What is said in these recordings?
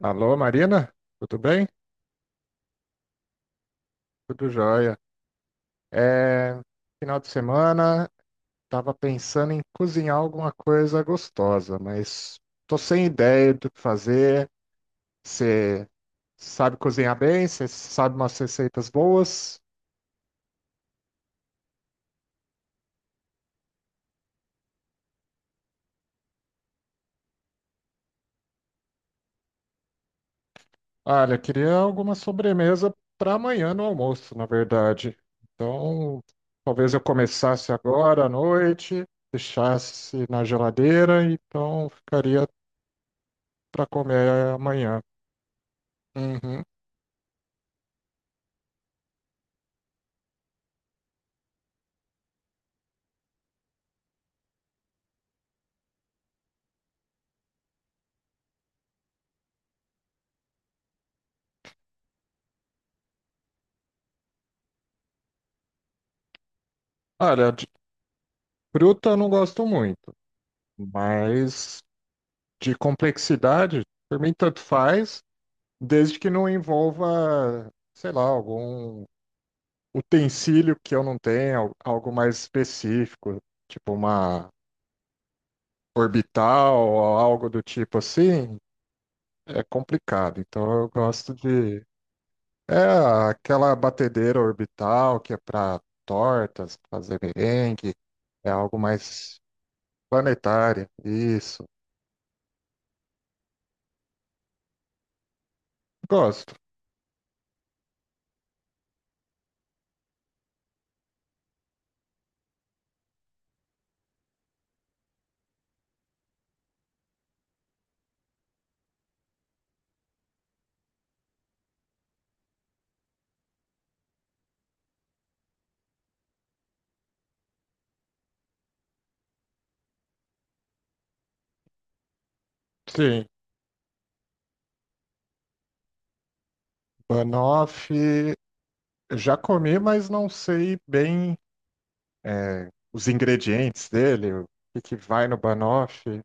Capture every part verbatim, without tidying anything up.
Alô, Marina? Tudo bem? Tudo jóia. É, final de semana, estava pensando em cozinhar alguma coisa gostosa, mas tô sem ideia do que fazer. Você sabe cozinhar bem? Você sabe umas receitas boas? Olha, eu queria alguma sobremesa para amanhã no almoço, na verdade. Então, talvez eu começasse agora à noite, deixasse na geladeira, então ficaria para comer amanhã. Uhum. Olha, de fruta eu não gosto muito, mas de complexidade, por mim tanto faz, desde que não envolva, sei lá, algum utensílio que eu não tenha, al- algo mais específico, tipo uma orbital ou algo do tipo assim, é complicado. Então eu gosto de. É aquela batedeira orbital que é para tortas, fazer merengue, é algo mais planetário, isso. Gosto. Sim, banoffee eu já comi, mas não sei bem é, os ingredientes dele, o que que vai no banoffee,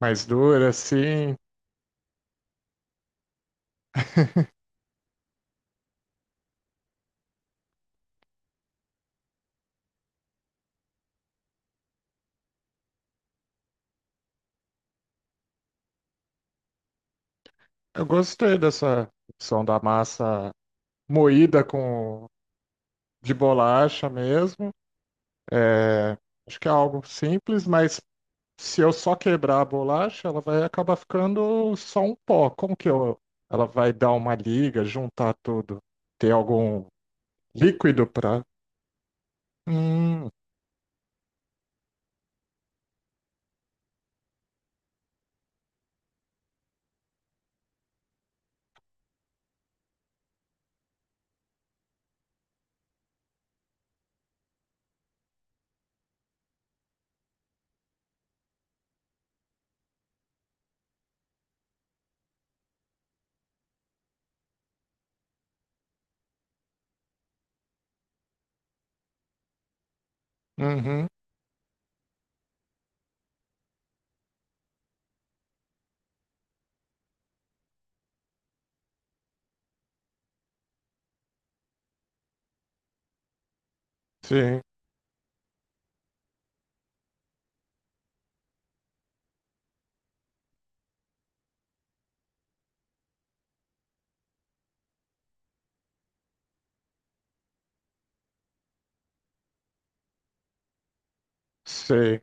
mais dura, assim. Eu gostei dessa opção da massa moída com de bolacha mesmo. É, acho que é algo simples, mas se eu só quebrar a bolacha, ela vai acabar ficando só um pó. Como que eu, ela vai dar uma liga, juntar tudo, ter algum líquido para. Hum, uhum, sim, sei.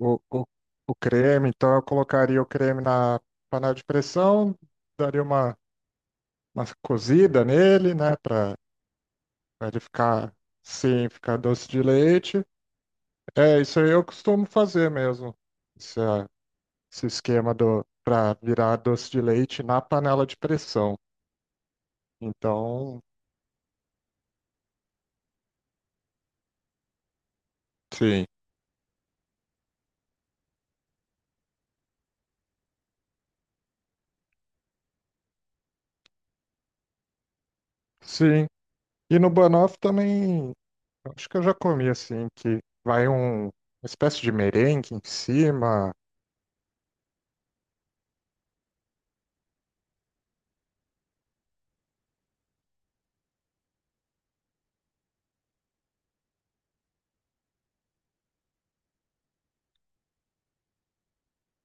O, o, o creme, então eu colocaria o creme na panela de pressão, daria uma, uma cozida nele, né, para ele ficar, sim, ficar doce de leite. É, isso aí eu costumo fazer mesmo, esse, ah, esse esquema do para virar doce de leite na panela de pressão. Então, sim, sim. E no banoffee também acho que eu já comi assim, que vai um, uma espécie de merengue em cima.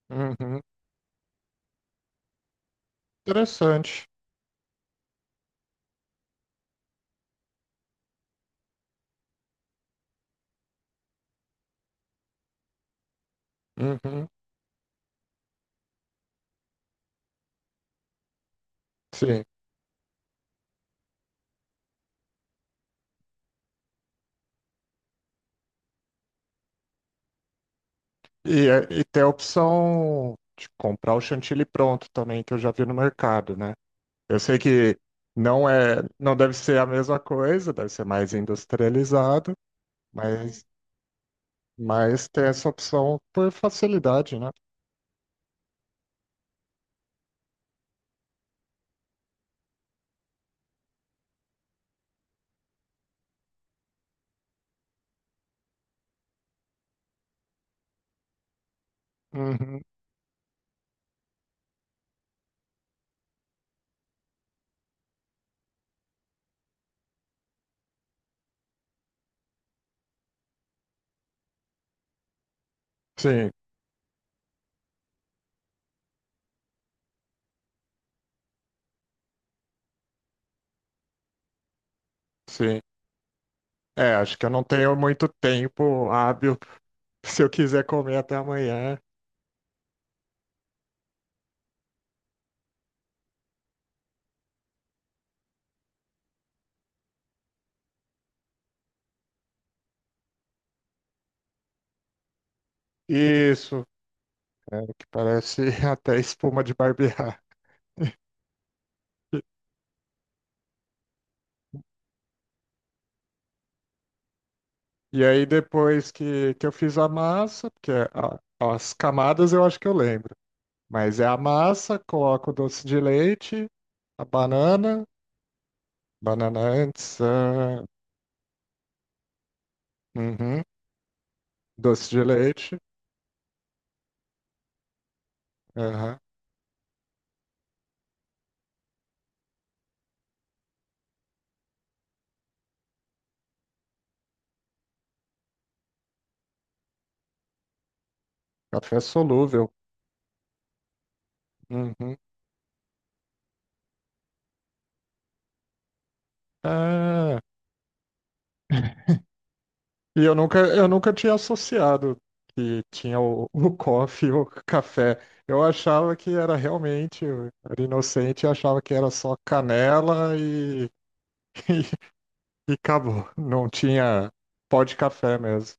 Uhum. Interessante. Uhum. Sim. E, é- e tem a opção de comprar o chantilly pronto também, que eu já vi no mercado, né? Eu sei que não é, não deve ser a mesma coisa, deve ser mais industrializado. É. mas, mas tem essa opção por facilidade, né? Uhum. Sim, sim. É, acho que eu não tenho muito tempo hábil se eu quiser comer até amanhã. Isso, é, que parece até espuma de barbear. E aí depois que, que eu fiz a massa, porque a- as camadas eu acho que eu lembro, mas é a massa, coloco o doce de leite, a banana, banana antes, ah, uhum, doce de leite, aham, café solúvel, uhum, ah. E eu nunca, eu nunca tinha associado que tinha o, o coffee e o café. Eu achava que era realmente, eu era inocente, e achava que era só canela e, e, e acabou. Não tinha pó de café mesmo.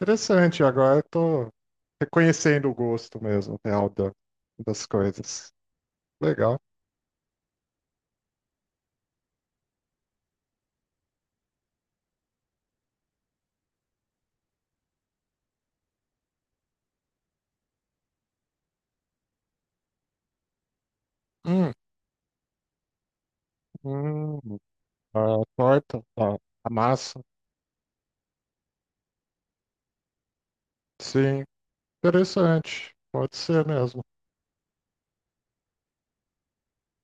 Interessante, agora eu tô reconhecendo o gosto mesmo, real da- das coisas. Legal. Hum, hum, a torta, a, a massa. Sim, interessante. Pode ser mesmo.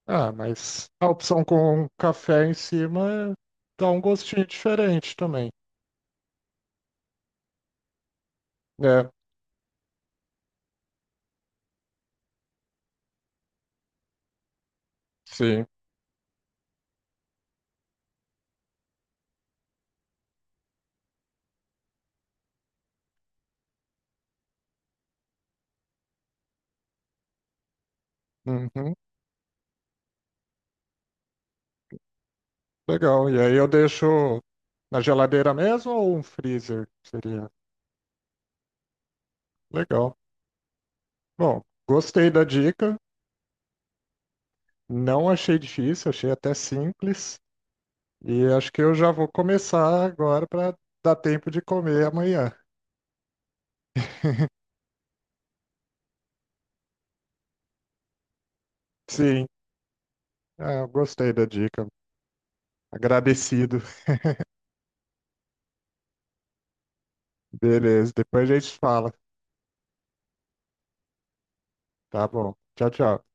Ah, mas a opção com café em cima é- dá um gostinho diferente também. É, sim. Uhum, legal. E aí eu deixo na geladeira mesmo ou um freezer? Seria legal. Bom, gostei da dica. Não achei difícil, achei até simples. E acho que eu já vou começar agora para dar tempo de comer amanhã. Sim, ah, eu gostei da dica. Agradecido. Beleza, depois a gente fala. Tá bom. Tchau, tchau.